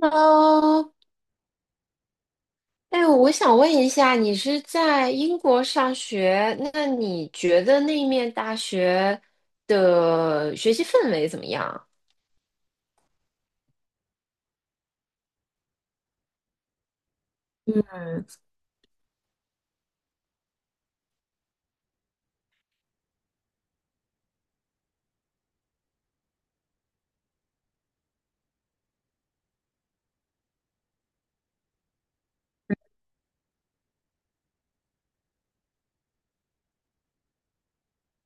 喽，哎，我想问一下，你是在英国上学，那你觉得那面大学的学习氛围怎么样？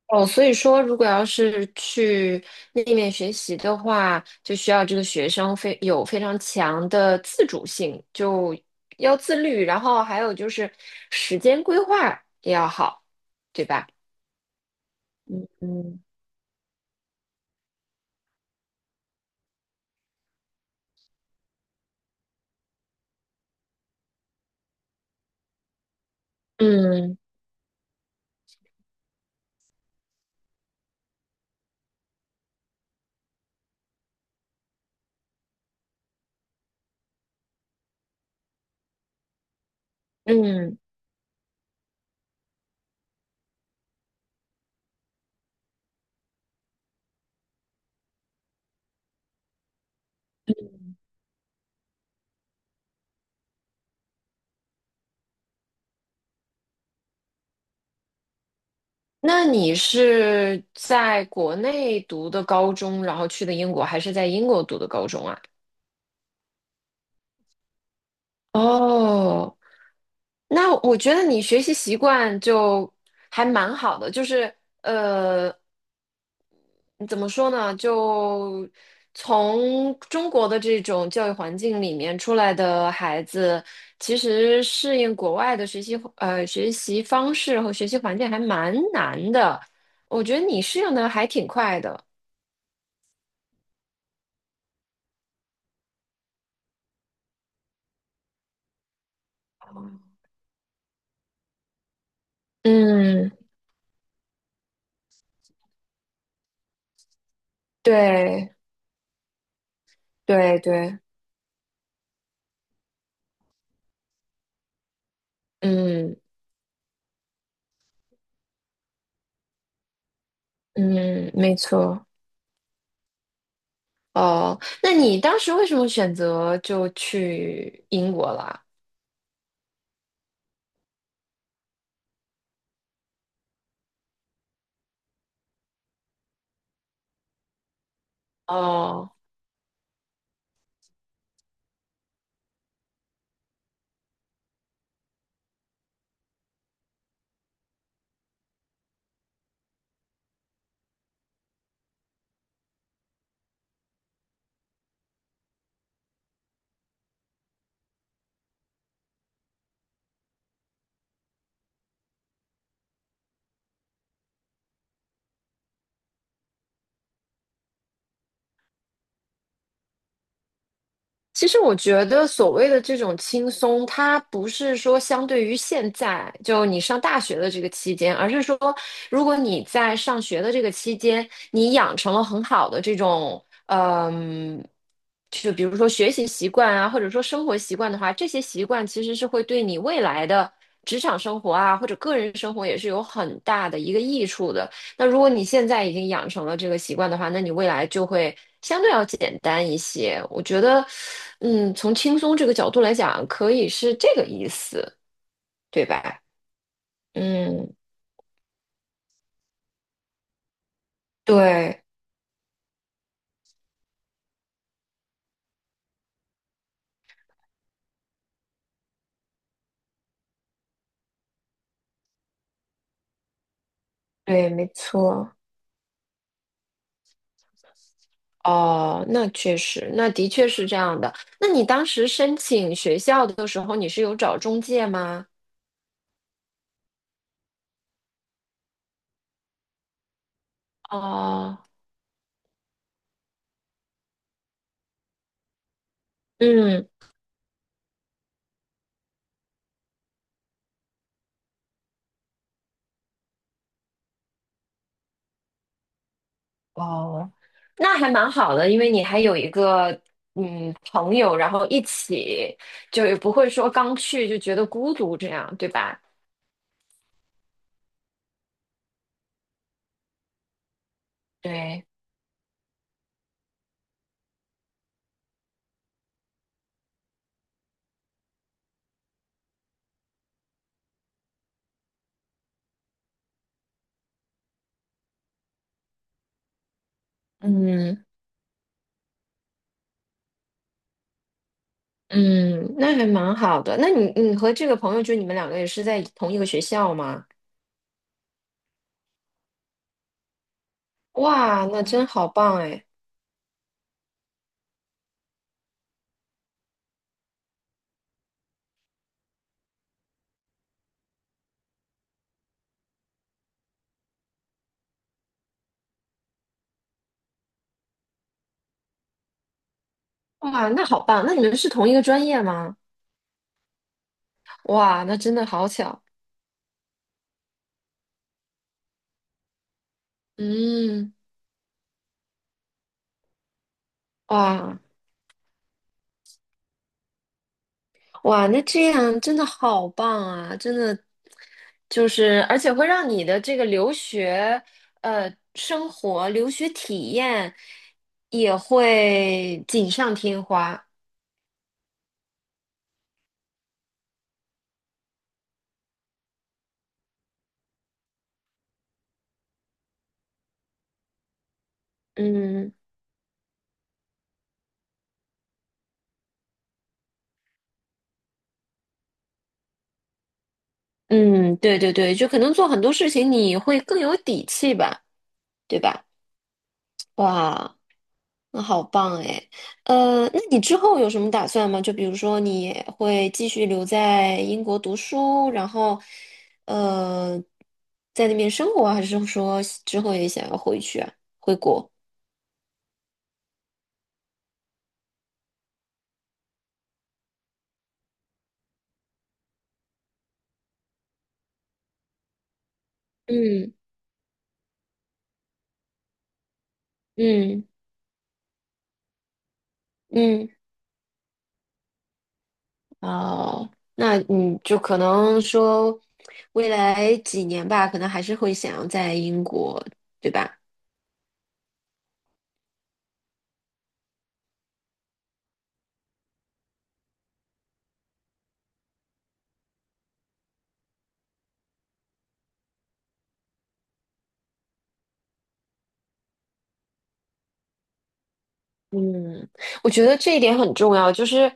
哦，所以说，如果要是去那面学习的话，就需要这个学生非有非常强的自主性，就要自律，然后还有就是时间规划也要好，对吧？嗯嗯。嗯嗯。那你是在国内读的高中，然后去的英国，还是在英国读的高中啊？哦，那我觉得你学习习惯就还蛮好的，就是呃，怎么说呢？就从中国的这种教育环境里面出来的孩子，其实适应国外的学习学习方式和学习环境还蛮难的。我觉得你适应的还挺快的。嗯。对对对，嗯嗯，没错。哦，那你当时为什么选择就去英国了？哦，其实我觉得所谓的这种轻松，它不是说相对于现在就你上大学的这个期间，而是说如果你在上学的这个期间，你养成了很好的这种，嗯，就比如说学习习惯啊，或者说生活习惯的话，这些习惯其实是会对你未来的职场生活啊，或者个人生活也是有很大的一个益处的。那如果你现在已经养成了这个习惯的话，那你未来就会相对要简单一些。我觉得，嗯，从轻松这个角度来讲，可以是这个意思，对吧？嗯，对对，没错。哦，那确实，那的确是这样的。那你当时申请学校的时候，你是有找中介吗？哦，嗯。哦，那还蛮好的，因为你还有一个嗯朋友，然后一起，就也不会说刚去就觉得孤独这样，对吧？对，嗯嗯，那还蛮好的。那你和这个朋友，就你们两个也是在同一个学校吗？哇，那真好棒哎！哇，那好棒，那你们是同一个专业吗？哇，那真的好巧。嗯，哇。哇，那这样真的好棒啊！真的就是，而且会让你的这个留学生活、留学体验也会锦上添花。嗯嗯，对对对，就可能做很多事情你会更有底气吧，对吧？哇，那好棒哎！呃，那你之后有什么打算吗？就比如说你会继续留在英国读书，然后呃，在那边生活，还是说之后也想要回去啊？嗯嗯嗯。哦，那你就可能说未来几年吧，可能还是会想要在英国，对吧？嗯，我觉得这一点很重要，就是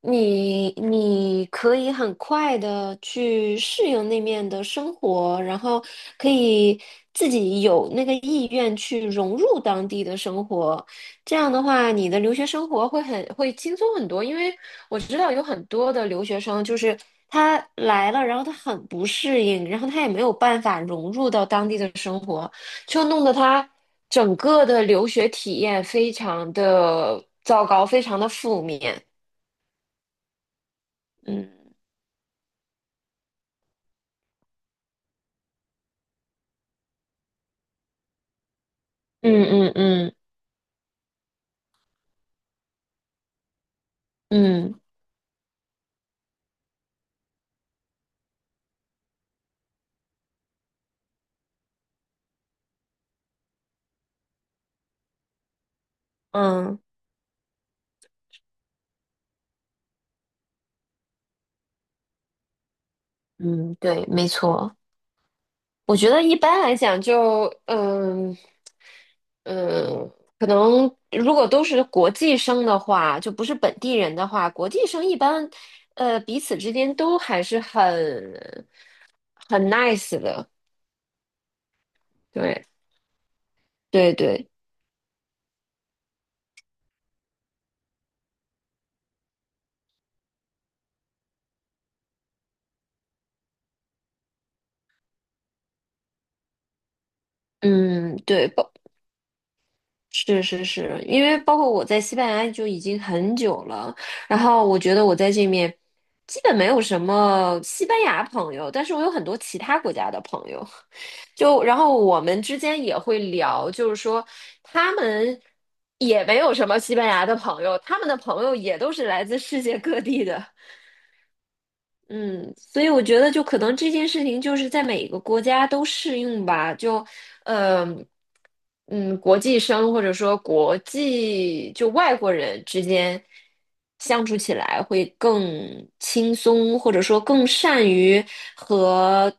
你可以很快的去适应那面的生活，然后可以自己有那个意愿去融入当地的生活。这样的话，你的留学生活会轻松很多，因为我知道有很多的留学生就是他来了，然后他很不适应，然后他也没有办法融入到当地的生活。就弄得他整个的留学体验非常的糟糕，非常的负面。嗯嗯嗯嗯嗯嗯嗯，对，没错。我觉得一般来讲就，嗯嗯，可能如果都是国际生的话，就不是本地人的话，国际生一般，彼此之间都还是很 nice 的。对对对，嗯对，包是是是，因为包括我在西班牙就已经很久了，然后我觉得我在这面基本没有什么西班牙朋友，但是我有很多其他国家的朋友，就然后我们之间也会聊，就是说他们也没有什么西班牙的朋友，他们的朋友也都是来自世界各地的。嗯，所以我觉得，就可能这件事情就是在每个国家都适用吧。就，呃，嗯，国际生或者说国际就外国人之间相处起来会更轻松，或者说更善于和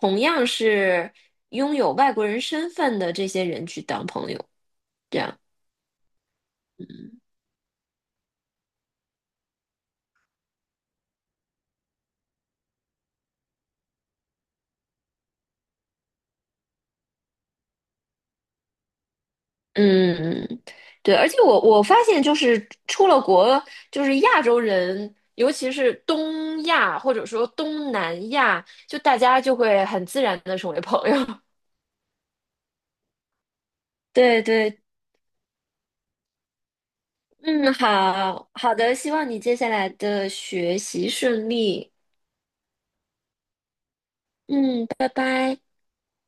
同样是拥有外国人身份的这些人去当朋友。这样，嗯嗯，对，而且我发现就是出了国，就是亚洲人，尤其是东亚或者说东南亚，就大家就会很自然的成为朋友。对对，嗯，好好的，希望你接下来的学习顺利。嗯，拜拜。